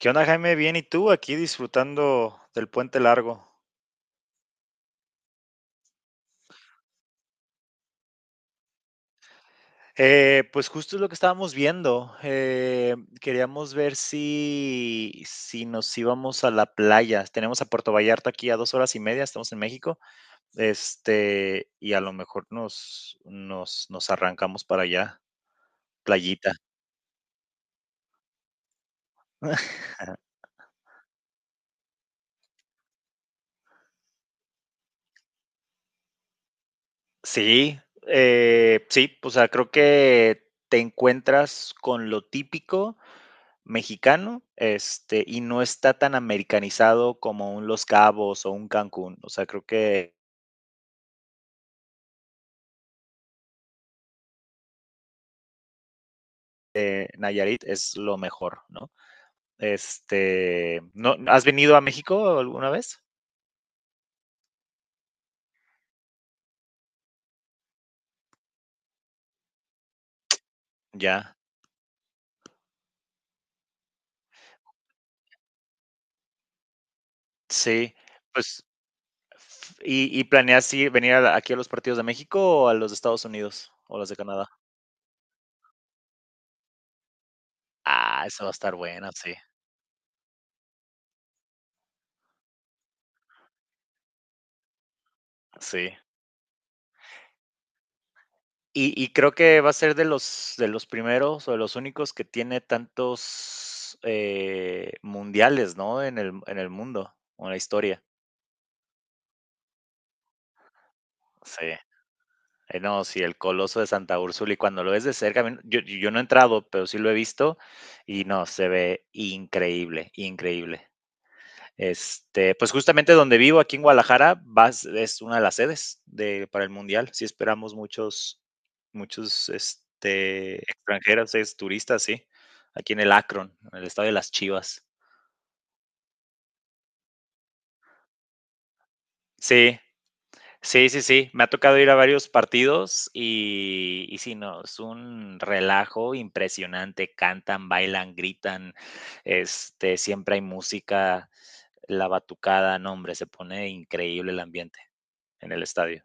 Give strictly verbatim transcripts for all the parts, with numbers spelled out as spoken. ¿Qué onda, Jaime? Bien, ¿y tú? Aquí disfrutando del puente largo. Eh, pues justo es lo que estábamos viendo. Eh, queríamos ver si, si nos íbamos a la playa. Tenemos a Puerto Vallarta aquí a dos horas y media, estamos en México. Este, y a lo mejor nos, nos, nos arrancamos para allá, playita. Sí, eh, sí, o sea, creo que te encuentras con lo típico mexicano, este, y no está tan americanizado como un Los Cabos o un Cancún. O sea, creo que eh, Nayarit es lo mejor, ¿no? Este, ¿no no has venido a México alguna vez? Ya, sí. Pues, f- ¿y, y planeas ir- venir a la- aquí a los partidos de México o a los de Estados Unidos o los de Canadá? Ah, esa va a estar buena, sí, sí. Y y creo que va a ser de los de los primeros o de los únicos que tiene tantos, eh, mundiales, ¿no? En el en el mundo, o en la historia. Sí. Eh, no, sí, el Coloso de Santa Úrsula, y cuando lo ves de cerca, a mí yo yo no he entrado, pero sí lo he visto, y no, se ve increíble, increíble. Este, pues justamente donde vivo, aquí en Guadalajara, vas, es una de las sedes de, para el Mundial. Sí esperamos muchos, muchos este, extranjeros, es, turistas, sí. Aquí en el Akron, en el estado de las Chivas. Sí, sí, sí, sí. Me ha tocado ir a varios partidos y, y sí, no, es un relajo impresionante. Cantan, bailan, gritan. Este, siempre hay música, la batucada, no, hombre, se pone increíble el ambiente en el estadio.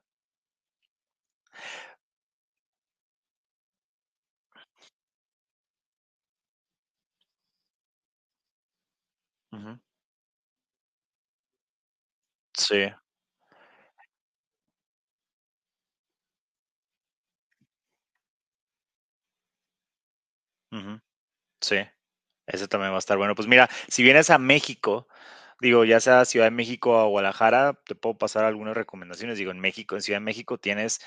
Ujú. Sí, ujú, sí. Ese también va a estar bueno. Pues mira, si vienes a México, digo, ya sea Ciudad de México o Guadalajara, te puedo pasar algunas recomendaciones. Digo, en México, en Ciudad de México tienes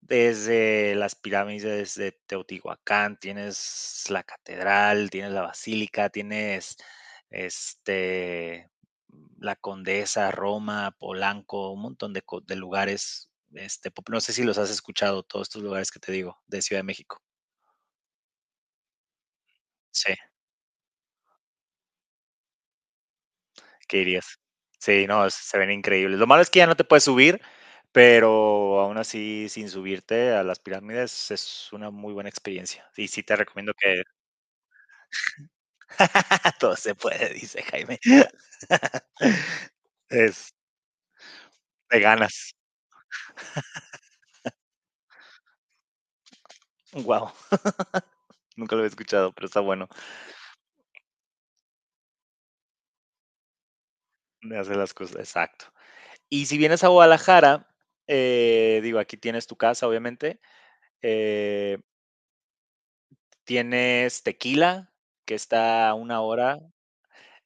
desde las pirámides de Teotihuacán, tienes la catedral, tienes la basílica, tienes este la Condesa, Roma, Polanco, un montón de, co- de lugares. Este, pop- no sé si los has escuchado, todos estos lugares que te digo, de Ciudad de México. Sí. ¿Qué dirías? Sí, no, es- se ven increíbles. Lo malo es que ya no te puedes subir, pero aún así, sin subirte a las pirámides, es una muy buena experiencia. Y sí te recomiendo que todo se puede, dice Jaime. Es de ganas. Wow, nunca lo había escuchado, pero está bueno de hacer las cosas. Exacto. Y si vienes a Guadalajara, eh, digo, aquí tienes tu casa, obviamente. eh, Tienes Tequila, que está a una hora.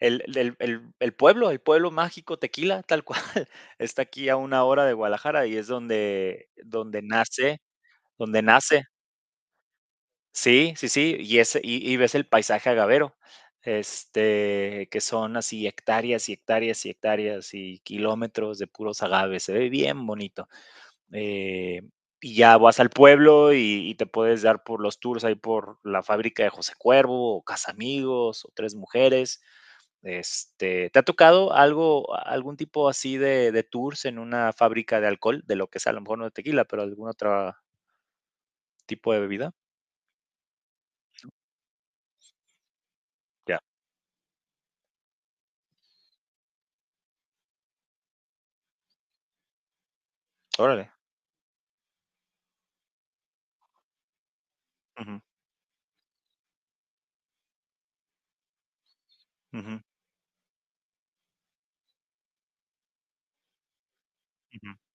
El el el el pueblo, el pueblo mágico Tequila, tal cual, está aquí a una hora de Guadalajara y es donde donde nace, donde nace. Sí, sí, sí, y ese y y ves el paisaje agavero, este, que son así hectáreas y hectáreas y hectáreas y kilómetros de puros agaves, se ve bien bonito. Eh, y ya vas al pueblo y y te puedes dar por los tours ahí por la fábrica de José Cuervo, o Casa Amigos o Tres Mujeres, este, ¿te ha tocado algo algún tipo así de de tours en una fábrica de alcohol? De lo que sea, a lo mejor no de tequila, pero algún otro tipo de bebida. Ya, órale. Ujú, ujú, ujú.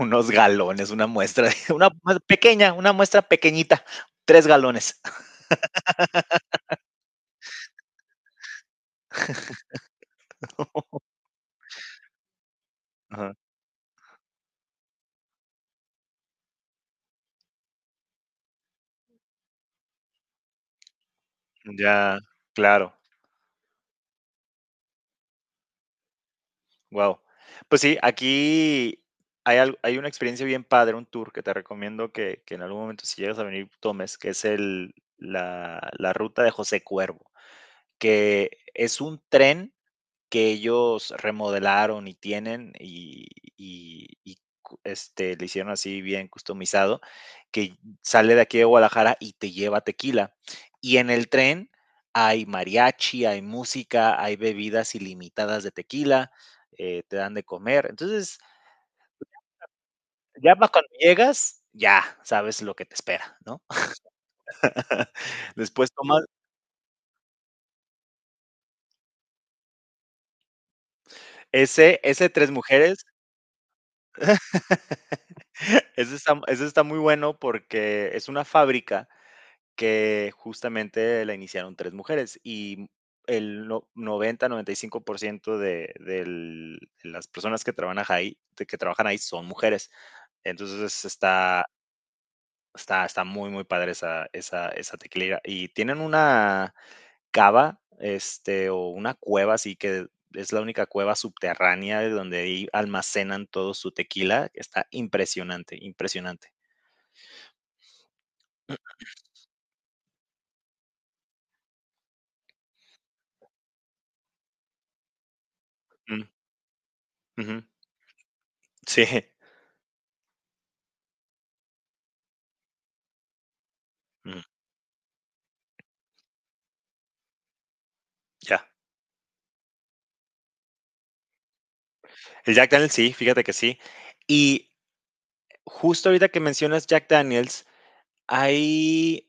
Unos galones, una muestra una mue pequeña, una muestra pequeñita, tres galones. Ajá, ya, claro, wow. Pues sí, aquí hay al hay una experiencia bien padre, un tour que te recomiendo que que en algún momento, si llegas a venir, tomes, que es el la la ruta de José Cuervo, que es un tren que ellos remodelaron y tienen y, y- y cu- este, le hicieron así bien customizado, que sale de aquí de Guadalajara y te lleva a Tequila. Y en el tren hay mariachi, hay música, hay bebidas ilimitadas de tequila, eh, te dan de comer. Entonces, ya pa' cuando llegas, ya sabes lo que te espera, ¿no? Después tomas ese, ese Tres Mujeres. Eso está eso está muy bueno porque es una fábrica que justamente la iniciaron tres mujeres y el no, noventa, no noventa, noventa y cinco por ciento de del de las personas que trabajan ahí de que trabajan ahí son mujeres. Entonces, está está está muy, muy padre esa esa esa tequilera. Y tienen una cava, este, o una cueva, así que es la única cueva subterránea de donde ahí almacenan todo su tequila. Está impresionante, impresionante. Mm. Ujú. Sí, mm, ya. El Jack Daniels sí, fíjate que sí. Y justo ahorita que mencionas Jack Daniels, hay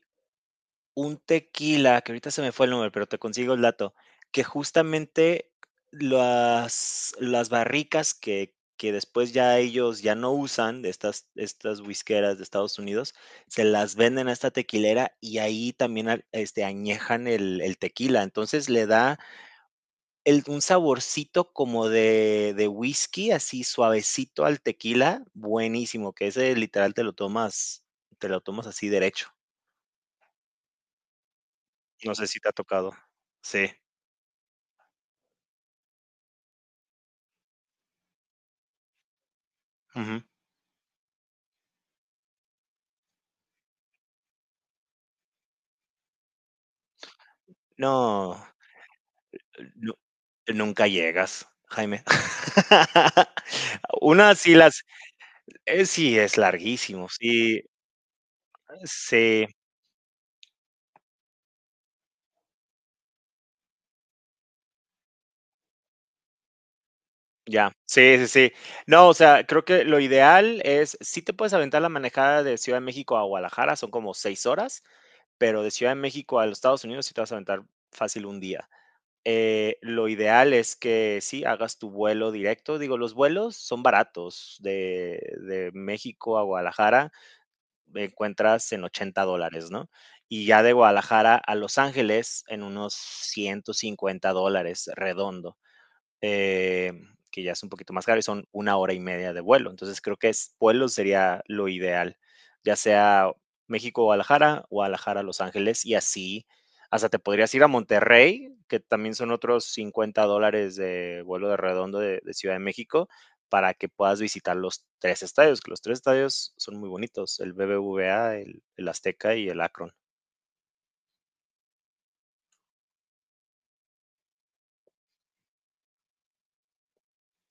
un tequila, que ahorita se me fue el nombre, pero te consigo el dato, que justamente las las barricas que que después ya ellos ya no usan de estas estas whiskeras de Estados Unidos, se las venden a esta tequilera y ahí también al este, añejan el el tequila. Entonces, le da el un saborcito como de de whisky, así suavecito al tequila, buenísimo, que ese literal te lo tomas te lo tomas así derecho. No sé si te ha tocado. Sí, ujú. No, nu nunca llegas, Jaime. Una sí las eh, sí, es larguísimo, sí, sí. Ya, sí, sí, sí. No, o sea, creo que lo ideal es, sí te puedes aventar la manejada de Ciudad de México a Guadalajara, son como seis horas, pero de Ciudad de México a los Estados Unidos sí te vas a aventar fácil un día. Eh, lo ideal es que sí hagas tu vuelo directo. Digo, los vuelos son baratos de, de México a Guadalajara, encuentras en ochenta dólares, ¿no? Y ya de Guadalajara a Los Ángeles en unos ciento cincuenta dólares redondo, eh, que ya es un poquito más caro y son una hora y media de vuelo. Entonces creo que es, vuelo sería lo ideal, ya sea México-Guadalajara, Guadalajara-Los Ángeles y así. Hasta te podrías ir a Monterrey, que también son otros cincuenta dólares de vuelo de redondo de, de Ciudad de México, para que puedas visitar los tres estadios, que los tres estadios son muy bonitos, el B B V A, el, el Azteca y el Akron.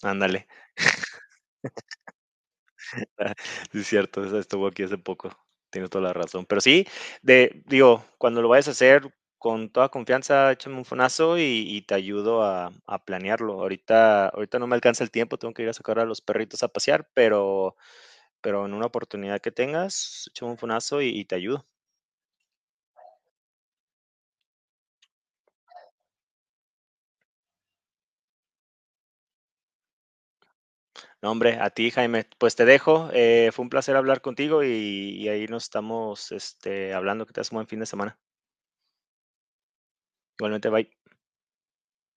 Ándale. Sí, es cierto, esa estuvo aquí hace poco. Tienes toda la razón. Pero sí, de, digo, cuando lo vayas a hacer, con toda confianza, échame un fonazo y, y te ayudo a, a planearlo. Ahorita, ahorita no me alcanza el tiempo, tengo que ir a sacar a los perritos a pasear, pero, pero en una oportunidad que tengas, échame un fonazo y, y te ayudo. No, hombre, a ti, Jaime, pues te dejo. Eh, fue un placer hablar contigo y, y ahí nos estamos este, hablando. Que te hagas un buen fin de semana. Igualmente, bye.